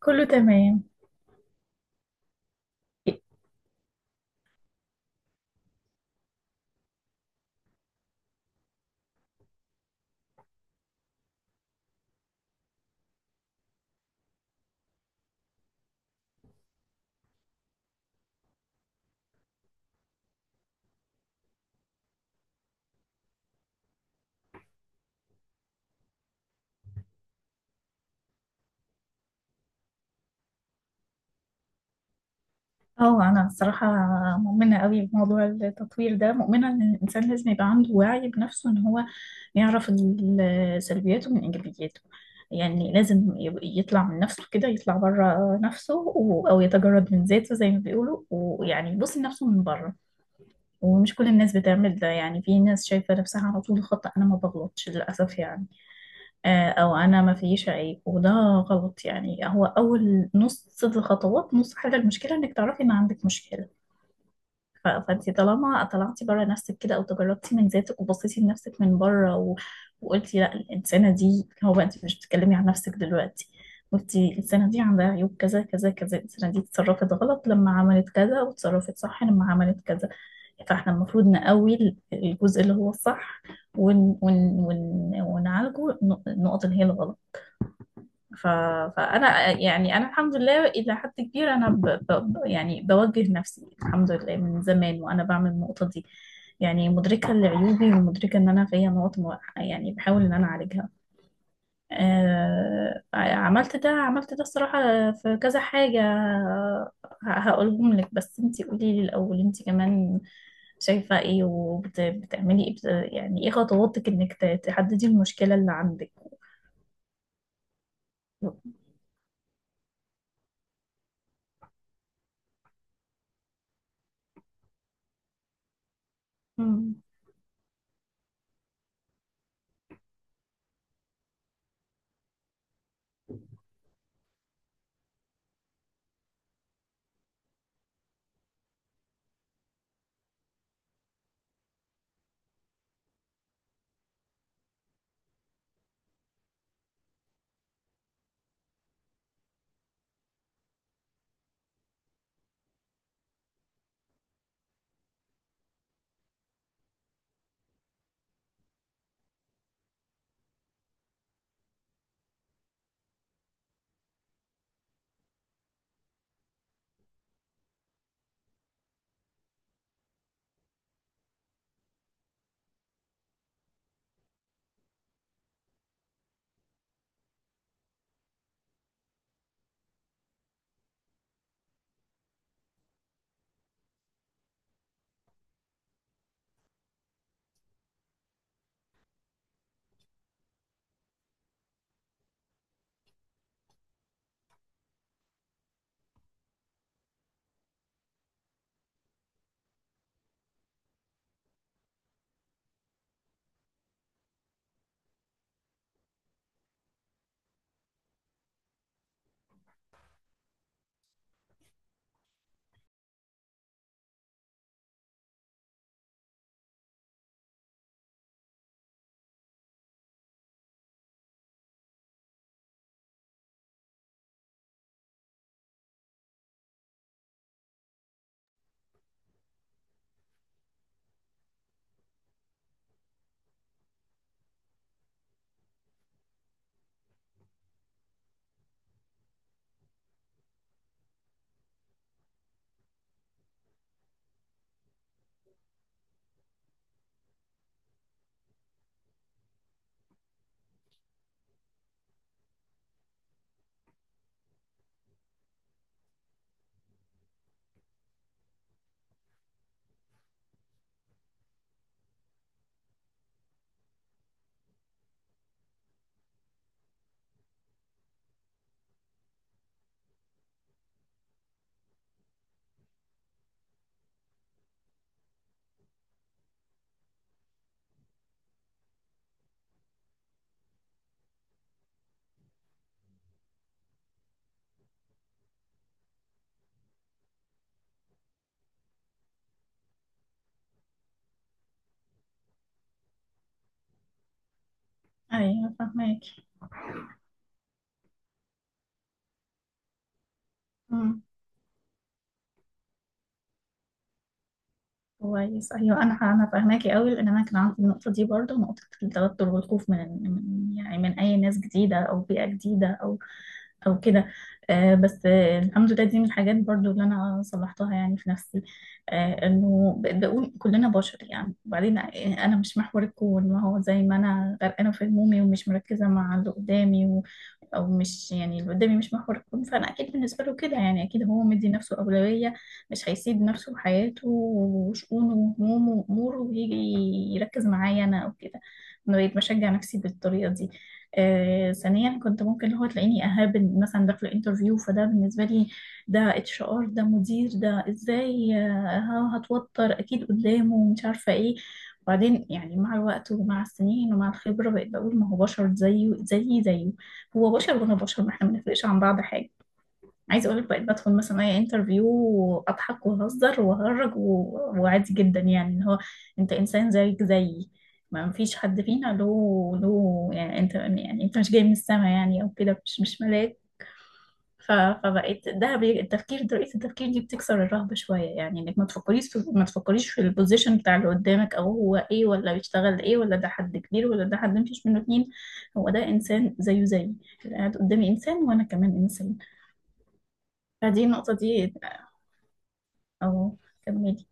كله تمام. اه انا الصراحه مؤمنه قوي بموضوع التطوير ده، مؤمنه ان الانسان لازم يبقى عنده وعي بنفسه، ان هو يعرف سلبياته من ايجابياته. يعني لازم يطلع من نفسه كده، يطلع بره نفسه او يتجرد من ذاته زي ما بيقولوا، ويعني يبص لنفسه من بره. ومش كل الناس بتعمل ده، يعني في ناس شايفه نفسها على طول خطأ، انا ما بغلطش للاسف يعني. او انا ما فيش عيب، وده غلط. يعني هو اول نص الخطوات، نص حل المشكله انك تعرفي ان عندك مشكله. فانت طالما طلعتي بره نفسك كده، او تجردتي من ذاتك وبصيتي لنفسك من بره وقلتي لا الانسانه دي، هو بقى انت مش بتتكلمي عن نفسك دلوقتي، قلتي الانسانه دي عندها عيوب كذا كذا كذا، الانسانه دي اتصرفت غلط لما عملت كذا، وتصرفت صح لما عملت كذا. فاحنا المفروض نقوي الجزء اللي هو الصح، ون... ون... ونعالجه النقط اللي هي الغلط. ف... فانا يعني انا الحمد لله الى حد كبير انا يعني بوجه نفسي الحمد لله، من زمان وانا بعمل النقطه دي. يعني مدركه لعيوبي، ومدركه ان انا فيا نقط يعني بحاول ان انا اعالجها. عملت ده، عملت ده الصراحه في كذا حاجه. هقولهم لك، بس انتي قولي لي الاول، انتي كمان شايفه ايه وبتعملي ايه يعني ايه خطواتك انك تحددي المشكله اللي عندك؟ مم. ايوه فاهمك. مم. كويس. ايوه انا فاهماكي قوي، لان انا كان عندي النقطه دي برضو، نقطه التوتر والخوف من يعني من اي ناس جديده او بيئه جديده او او كده. بس الحمد لله دي من الحاجات برضو اللي انا صلحتها يعني في نفسي. انه بقيت بقول كلنا بشر يعني، وبعدين انا مش محور الكون، ما هو زي ما انا غرقانه في همومي ومش مركزه مع اللي قدامي او مش يعني اللي قدامي مش محور الكون، فانا اكيد بالنسبه له كده يعني، اكيد هو مدي نفسه اولويه، مش هيسيب نفسه وحياته وشؤونه وهمومه واموره ويجي يركز معايا انا او كده. انا بقيت بشجع نفسي بالطريقه دي. ثانيا كنت ممكن اللي هو تلاقيني اهابل، مثلا داخله انترفيو فده بالنسبه لي، ده اتش ار، ده مدير، ده ازاي، هتوتر اكيد قدامه ومش عارفه ايه. وبعدين يعني مع الوقت ومع السنين ومع الخبره بقيت بقول ما هو بشر زيه زيي زيه، هو بشر وانا بشر، ما احنا ما بنفرقش عن بعض حاجه. عايزه اقول لك، بقيت بدخل مثلا اي انترفيو واضحك وأهزر وأهرج وعادي جدا، يعني ان هو انت انسان زيك زيي، ما فيش حد فينا له يعني انت، يعني انت مش جاي من السما يعني او كده، مش مش ملاك. فبقيت ده التفكير، طريقه التفكير دي بتكسر الرهبه شويه، يعني انك ما ما تفكريش في البوزيشن بتاع اللي قدامك، او هو ايه، ولا بيشتغل ايه، ولا ده حد كبير، ولا ده حد مفيش منه اتنين. هو ده انسان زيه زيي، اللي قاعد قدامي انسان وانا كمان انسان. فدي النقطة دي. أهو، كملي.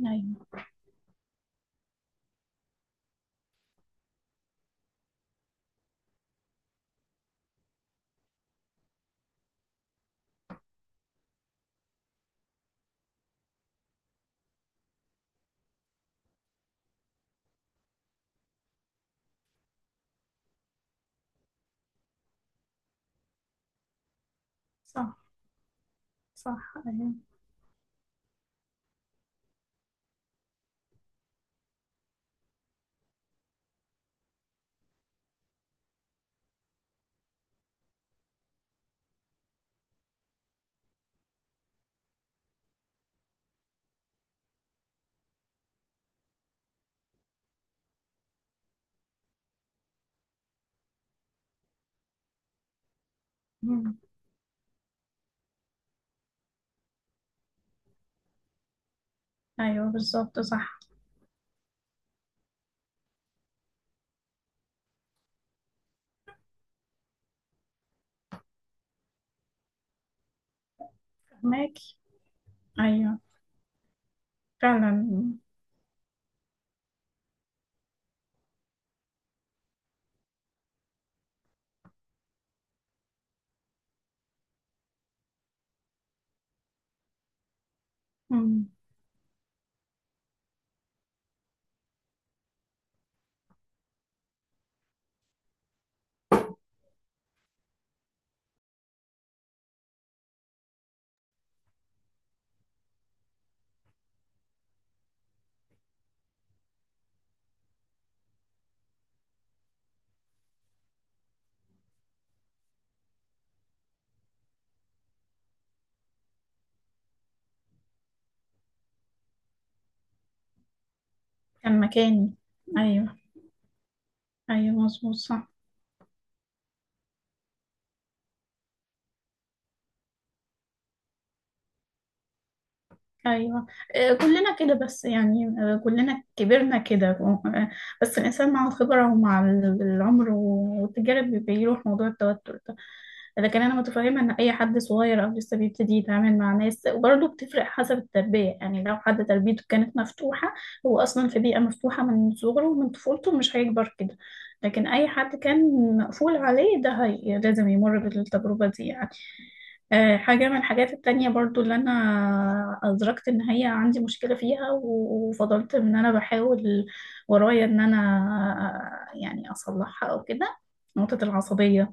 أيوه، صح صح. أيوه. مم. أيوه بالظبط صح. فهماكي. أيوه فعلا. مم. كان مكاني. أيوه. أيوه مظبوط صح. ايوه. كلنا كده بس يعني، كلنا كبرنا كده، بس الانسان مع الخبره ومع العمر والتجارب بيروح موضوع التوتر ده. لكن انا متفهمه ان اي حد صغير او لسه بيبتدي يتعامل مع ناس، وبرضه بتفرق حسب التربيه، يعني لو حد تربيته كانت مفتوحه، هو اصلا في بيئه مفتوحه من صغره ومن طفولته، مش هيكبر كده. لكن اي حد كان مقفول عليه ده، هي لازم يمر بالتجربه دي يعني. حاجة من الحاجات التانية برضو اللي أنا أدركت إن هي عندي مشكلة فيها، وفضلت إن أنا بحاول ورايا إن أنا يعني أصلحها أو كده: نقطة العصبية.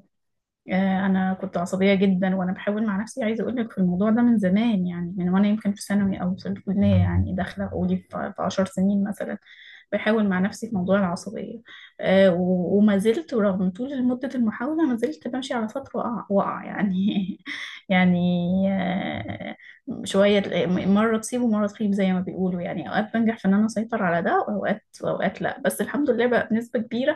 انا كنت عصبيه جدا، وانا بحاول مع نفسي، عايزه اقول لك في الموضوع ده من زمان، يعني من وانا يمكن في ثانوي او في الكليه، يعني داخله قولي في 10 سنين مثلا بحاول مع نفسي في موضوع العصبيه. وما زلت رغم طول مده المحاوله ما زلت بمشي على فتره وقع يعني يعني. آه، شويه مره تصيب ومره تخيب زي ما بيقولوا، يعني اوقات بنجح في ان انا اسيطر على ده، واوقات لا، بس الحمد لله بقى بنسبه كبيره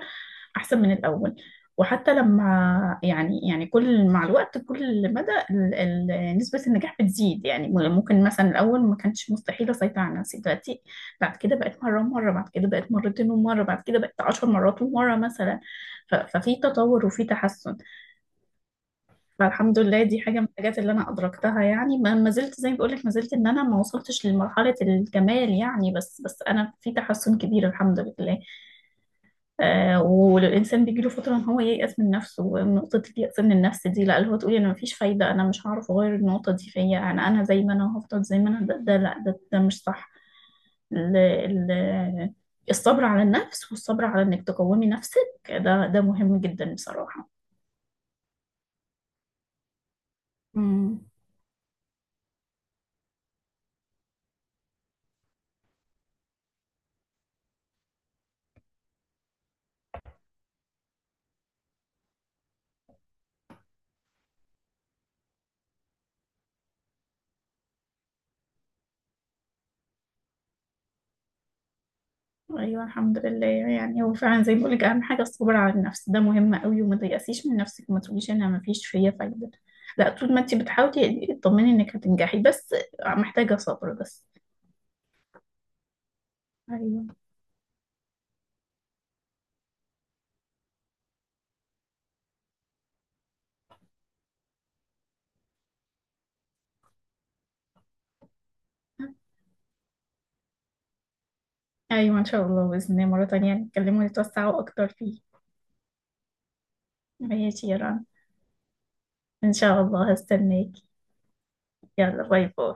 احسن من الاول. وحتى لما يعني، يعني كل مع الوقت كل مدى نسبة النجاح بتزيد يعني، ممكن مثلا الأول ما كانش مستحيل أسيطر على نفسي دلوقتي، بعد كده بقت مرة ومرة، بعد كده بقت مرتين ومرة، بعد كده بقت عشر مرات ومرة مثلا. ففي تطور وفي تحسن. فالحمد لله دي حاجة من الحاجات اللي أنا أدركتها، يعني ما زلت زي ما بقول لك، ما زلت إن أنا ما وصلتش لمرحلة الكمال يعني، بس بس أنا في تحسن كبير الحمد لله. آه، والإنسان بيجيله فترة إن هو ييأس من نفسه، ونقطة اليأس من النفس دي لا، اللي هو تقولي أنا مفيش فايدة، أنا مش هعرف أغير النقطة دي فيا، أنا زي ما أنا هفضل زي ما أنا، ده لا، ده مش صح. ال ال الصبر على النفس، والصبر على إنك تقومي نفسك، ده ده مهم جدا بصراحة. مم. أيوة الحمد لله، يعني هو فعلا زي ما بقولك، أهم حاجة الصبر على النفس، ده مهم قوي، وما تيأسيش من نفسك، وما تقوليش أنا مفيش فيا فايدة. لا، طول ما أنت بتحاولي اطمني إنك هتنجحي، بس محتاجة صبر بس. ايوه. ايوه ان شاء الله، باذن الله مره تانية نتكلموا ونتوسعوا اكتر فيه. ماشي يا رنا، ان شاء الله هستناكي. يلا باي باي.